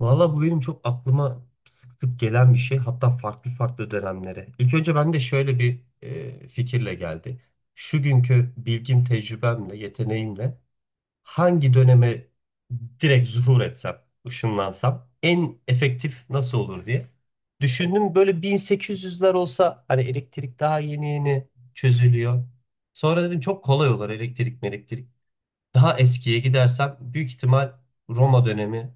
Valla bu benim çok aklıma sık sık gelen bir şey. Hatta farklı farklı dönemlere. İlk önce ben de şöyle bir fikirle geldi. Şu günkü bilgim, tecrübemle, yeteneğimle hangi döneme direkt zuhur etsem, ışınlansam en efektif nasıl olur diye. Düşündüm böyle 1800'ler olsa hani elektrik daha yeni yeni çözülüyor. Sonra dedim çok kolay olur elektrik. Daha eskiye gidersem büyük ihtimal Roma dönemi.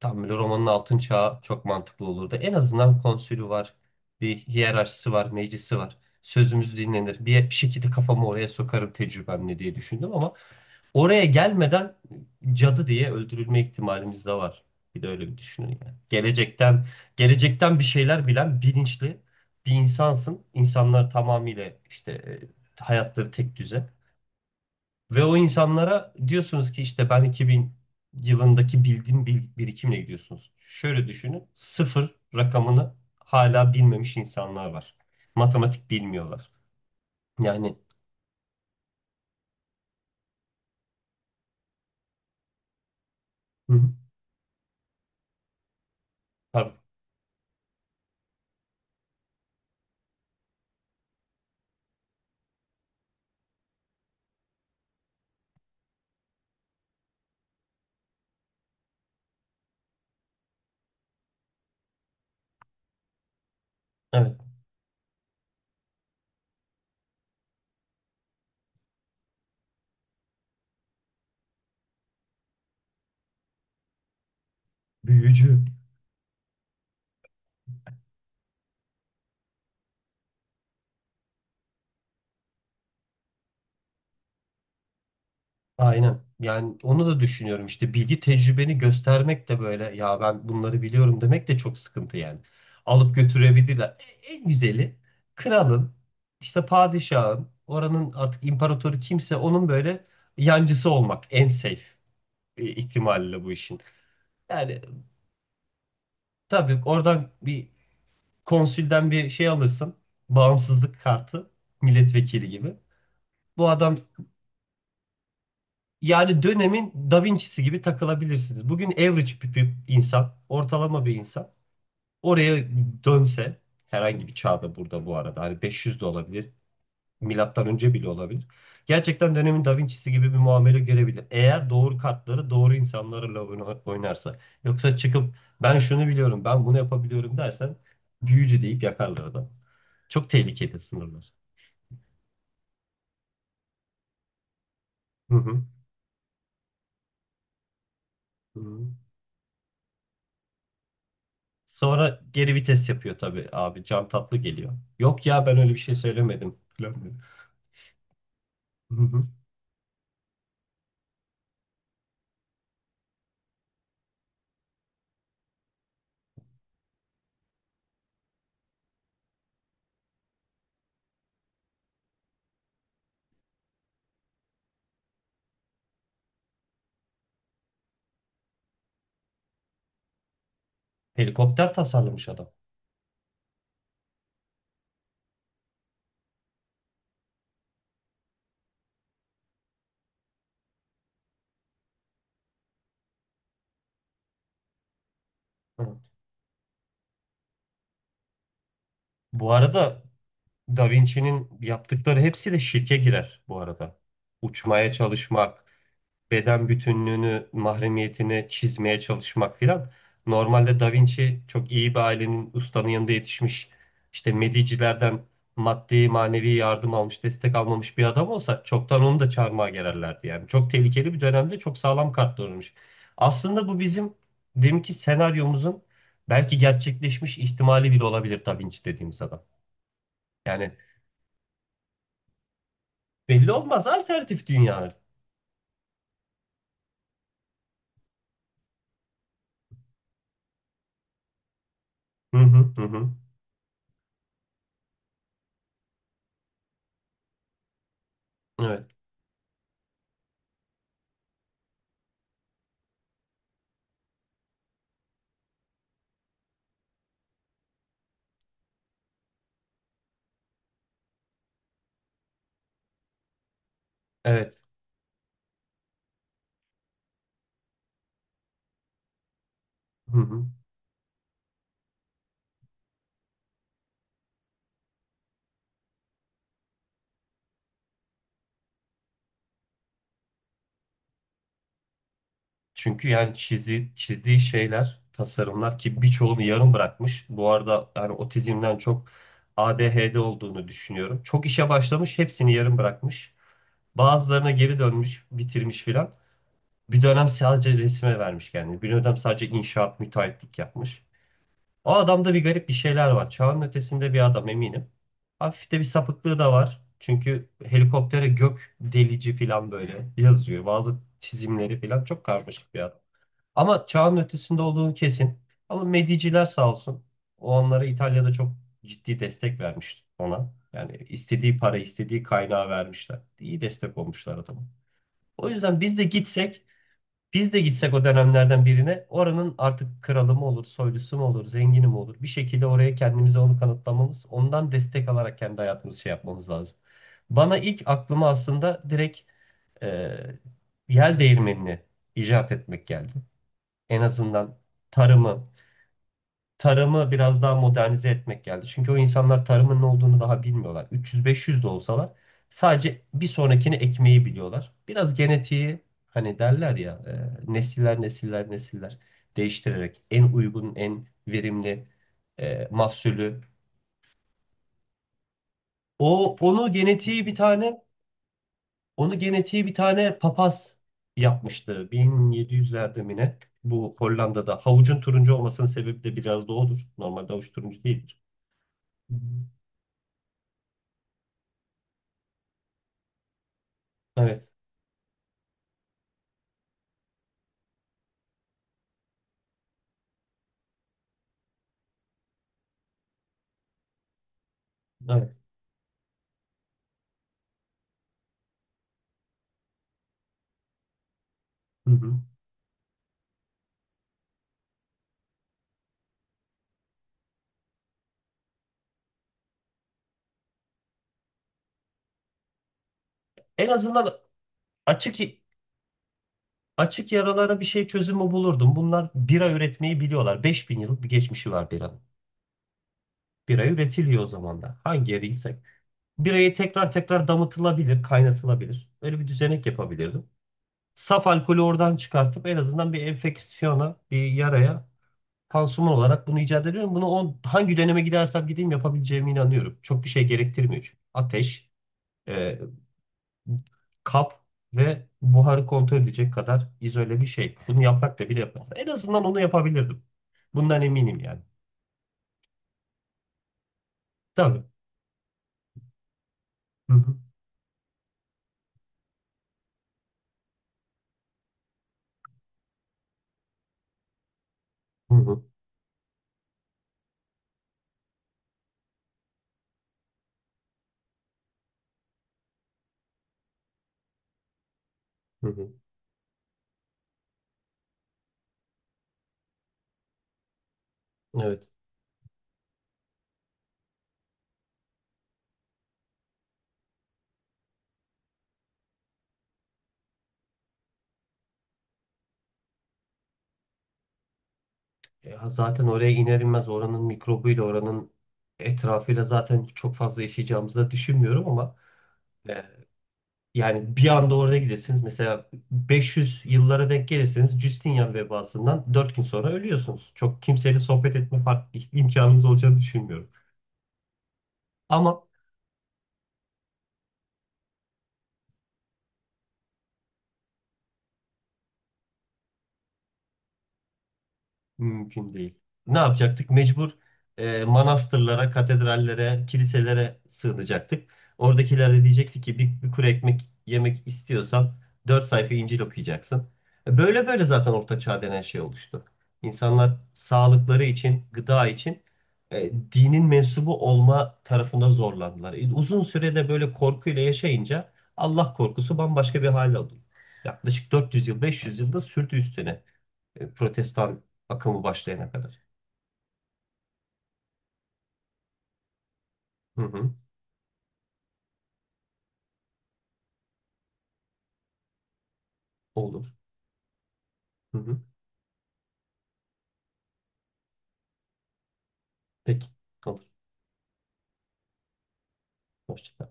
Tam böyle romanın altın çağı çok mantıklı olurdu. En azından konsülü var, bir hiyerarşisi var, meclisi var. Sözümüz dinlenir. Bir şekilde kafamı oraya sokarım tecrübemle diye düşündüm ama oraya gelmeden cadı diye öldürülme ihtimalimiz de var. Bir de öyle bir düşünün yani. Gelecekten bir şeyler bilen bilinçli bir insansın. İnsanlar tamamıyla işte hayatları tek düze. Ve o insanlara diyorsunuz ki işte ben 2000 yılındaki bildiğim birikimle gidiyorsunuz. Şöyle düşünün. Sıfır rakamını hala bilmemiş insanlar var. Matematik bilmiyorlar. Yani. Hı hı. Tabii. Evet. Büyücü. Aynen. Yani onu da düşünüyorum işte bilgi tecrübeni göstermek de böyle ya ben bunları biliyorum demek de çok sıkıntı yani. Alıp götürebilirler. En güzeli kralın işte padişahın oranın artık imparatoru kimse onun böyle yancısı olmak en safe ihtimalle bu işin. Yani tabii oradan bir konsülden bir şey alırsın bağımsızlık kartı milletvekili gibi. Bu adam. Yani dönemin Da Vinci'si gibi takılabilirsiniz. Bugün average bir insan, ortalama bir insan oraya dönse herhangi bir çağda burada bu arada hani 500 de olabilir, milattan önce bile olabilir. Gerçekten dönemin Da Vinci'si gibi bir muamele görebilir. Eğer doğru kartları doğru insanlarla oynarsa. Yoksa çıkıp ben şunu biliyorum, ben bunu yapabiliyorum dersen büyücü deyip yakarlar adam. Çok tehlikeli sınırlar. Hı hı. Hı hı. Sonra geri vites yapıyor tabii abi. Can Tatlı geliyor. Yok ya ben öyle bir şey söylemedim falan diyor. Hı hı. Helikopter tasarlamış adam. Evet. Bu arada Da Vinci'nin yaptıkları hepsi de şirke girer bu arada. Uçmaya çalışmak, beden bütünlüğünü, mahremiyetini çizmeye çalışmak filan. Normalde Da Vinci çok iyi bir ailenin ustanın yanında yetişmiş, işte Medici'lerden maddi manevi yardım almış, destek almamış bir adam olsa çoktan onu da çarmıha gererlerdi yani. Çok tehlikeli bir dönemde çok sağlam kartlanmış. Aslında bu bizim deminki senaryomuzun belki gerçekleşmiş ihtimali bile olabilir Da Vinci dediğimiz adam. Yani belli olmaz alternatif dünya. Hı hı hı. Hı. Evet. Evet. Hı hı. Çünkü yani çizdiği şeyler, tasarımlar ki birçoğunu yarım bırakmış. Bu arada yani otizmden çok ADHD olduğunu düşünüyorum. Çok işe başlamış, hepsini yarım bırakmış. Bazılarına geri dönmüş, bitirmiş filan. Bir dönem sadece resme vermiş kendini. Bir dönem sadece inşaat, müteahhitlik yapmış. O adamda bir garip bir şeyler var. Çağın ötesinde bir adam eminim. Hafif de bir sapıklığı da var. Çünkü helikoptere gök delici filan böyle yazıyor. Bazı çizimleri filan çok karmaşık bir adam. Ama çağın ötesinde olduğunu kesin. Ama Mediciler sağ olsun. O onlara İtalya'da çok ciddi destek vermişti ona. Yani istediği para, istediği kaynağı vermişler. İyi destek olmuşlar adama. O yüzden biz de gitsek o dönemlerden birine oranın artık kralı mı olur, soylusu mu olur, zengini mi olur? Bir şekilde oraya kendimize onu kanıtlamamız, ondan destek alarak kendi hayatımızı şey yapmamız lazım. Bana ilk aklıma aslında direkt e, yel değirmenini icat etmek geldi en azından tarımı tarımı biraz daha modernize etmek geldi. Çünkü o insanlar tarımın ne olduğunu daha bilmiyorlar. 300-500 de olsalar sadece bir sonrakini ekmeği biliyorlar. Biraz genetiği hani derler ya nesiller nesiller değiştirerek en uygun en verimli mahsulü. O onu genetiği bir tane Onu genetiği bir tane papaz yapmıştı 1700'lerde mi ne? Bu Hollanda'da. Havucun turuncu olmasının sebebi de biraz da odur. Normalde havuç turuncu değildir. Hı hı. Evet, evet. Hı hı. En azından açık açık yaralara bir şey çözümü bulurdum. Bunlar bira üretmeyi biliyorlar. 5000 yıllık bir geçmişi var biranın. Bira üretiliyor o zaman da. Hangi yeriysek. Birayı tekrar tekrar damıtılabilir, kaynatılabilir. Öyle bir düzenek yapabilirdim. Saf alkolü oradan çıkartıp en azından bir enfeksiyona, bir yaraya pansuman olarak bunu icat ediyorum. Bunu hangi döneme gidersem gideyim yapabileceğime inanıyorum. Çok bir şey gerektirmiyor çünkü. Ateş, e, kap ve buharı kontrol edecek kadar izole bir şey. Bunu yaprak da bile yapmaz. En azından onu yapabilirdim. Bundan eminim yani. Tabii. Hı hı. Hı hı. Hı hı. Evet. Ya zaten oraya iner inmez oranın mikrobuyla oranın etrafıyla zaten çok fazla yaşayacağımızı da düşünmüyorum ama e, yani bir anda orada gidesiniz. Mesela 500 yıllara denk gelirseniz Justinian vebasından 4 gün sonra ölüyorsunuz. Çok kimseyle sohbet etme imkanınız olacağını düşünmüyorum. Ama Mümkün değil. Ne yapacaktık? Mecbur manastırlara, katedrallere, kiliselere sığınacaktık. Oradakiler de diyecekti ki bir kuru ekmek yemek istiyorsan 4 sayfa İncil okuyacaksın. Böyle böyle zaten Orta Çağ denen şey oluştu. İnsanlar sağlıkları için, gıda için dinin mensubu olma tarafında zorlandılar. Uzun sürede böyle korkuyla yaşayınca Allah korkusu bambaşka bir hale alıyor. Yaklaşık 400 yıl, 500 yılda sürdü üstüne protestan akımı başlayana kadar. Hı hı. Olur. Hı hı. Peki. Olur. Hoşça kal.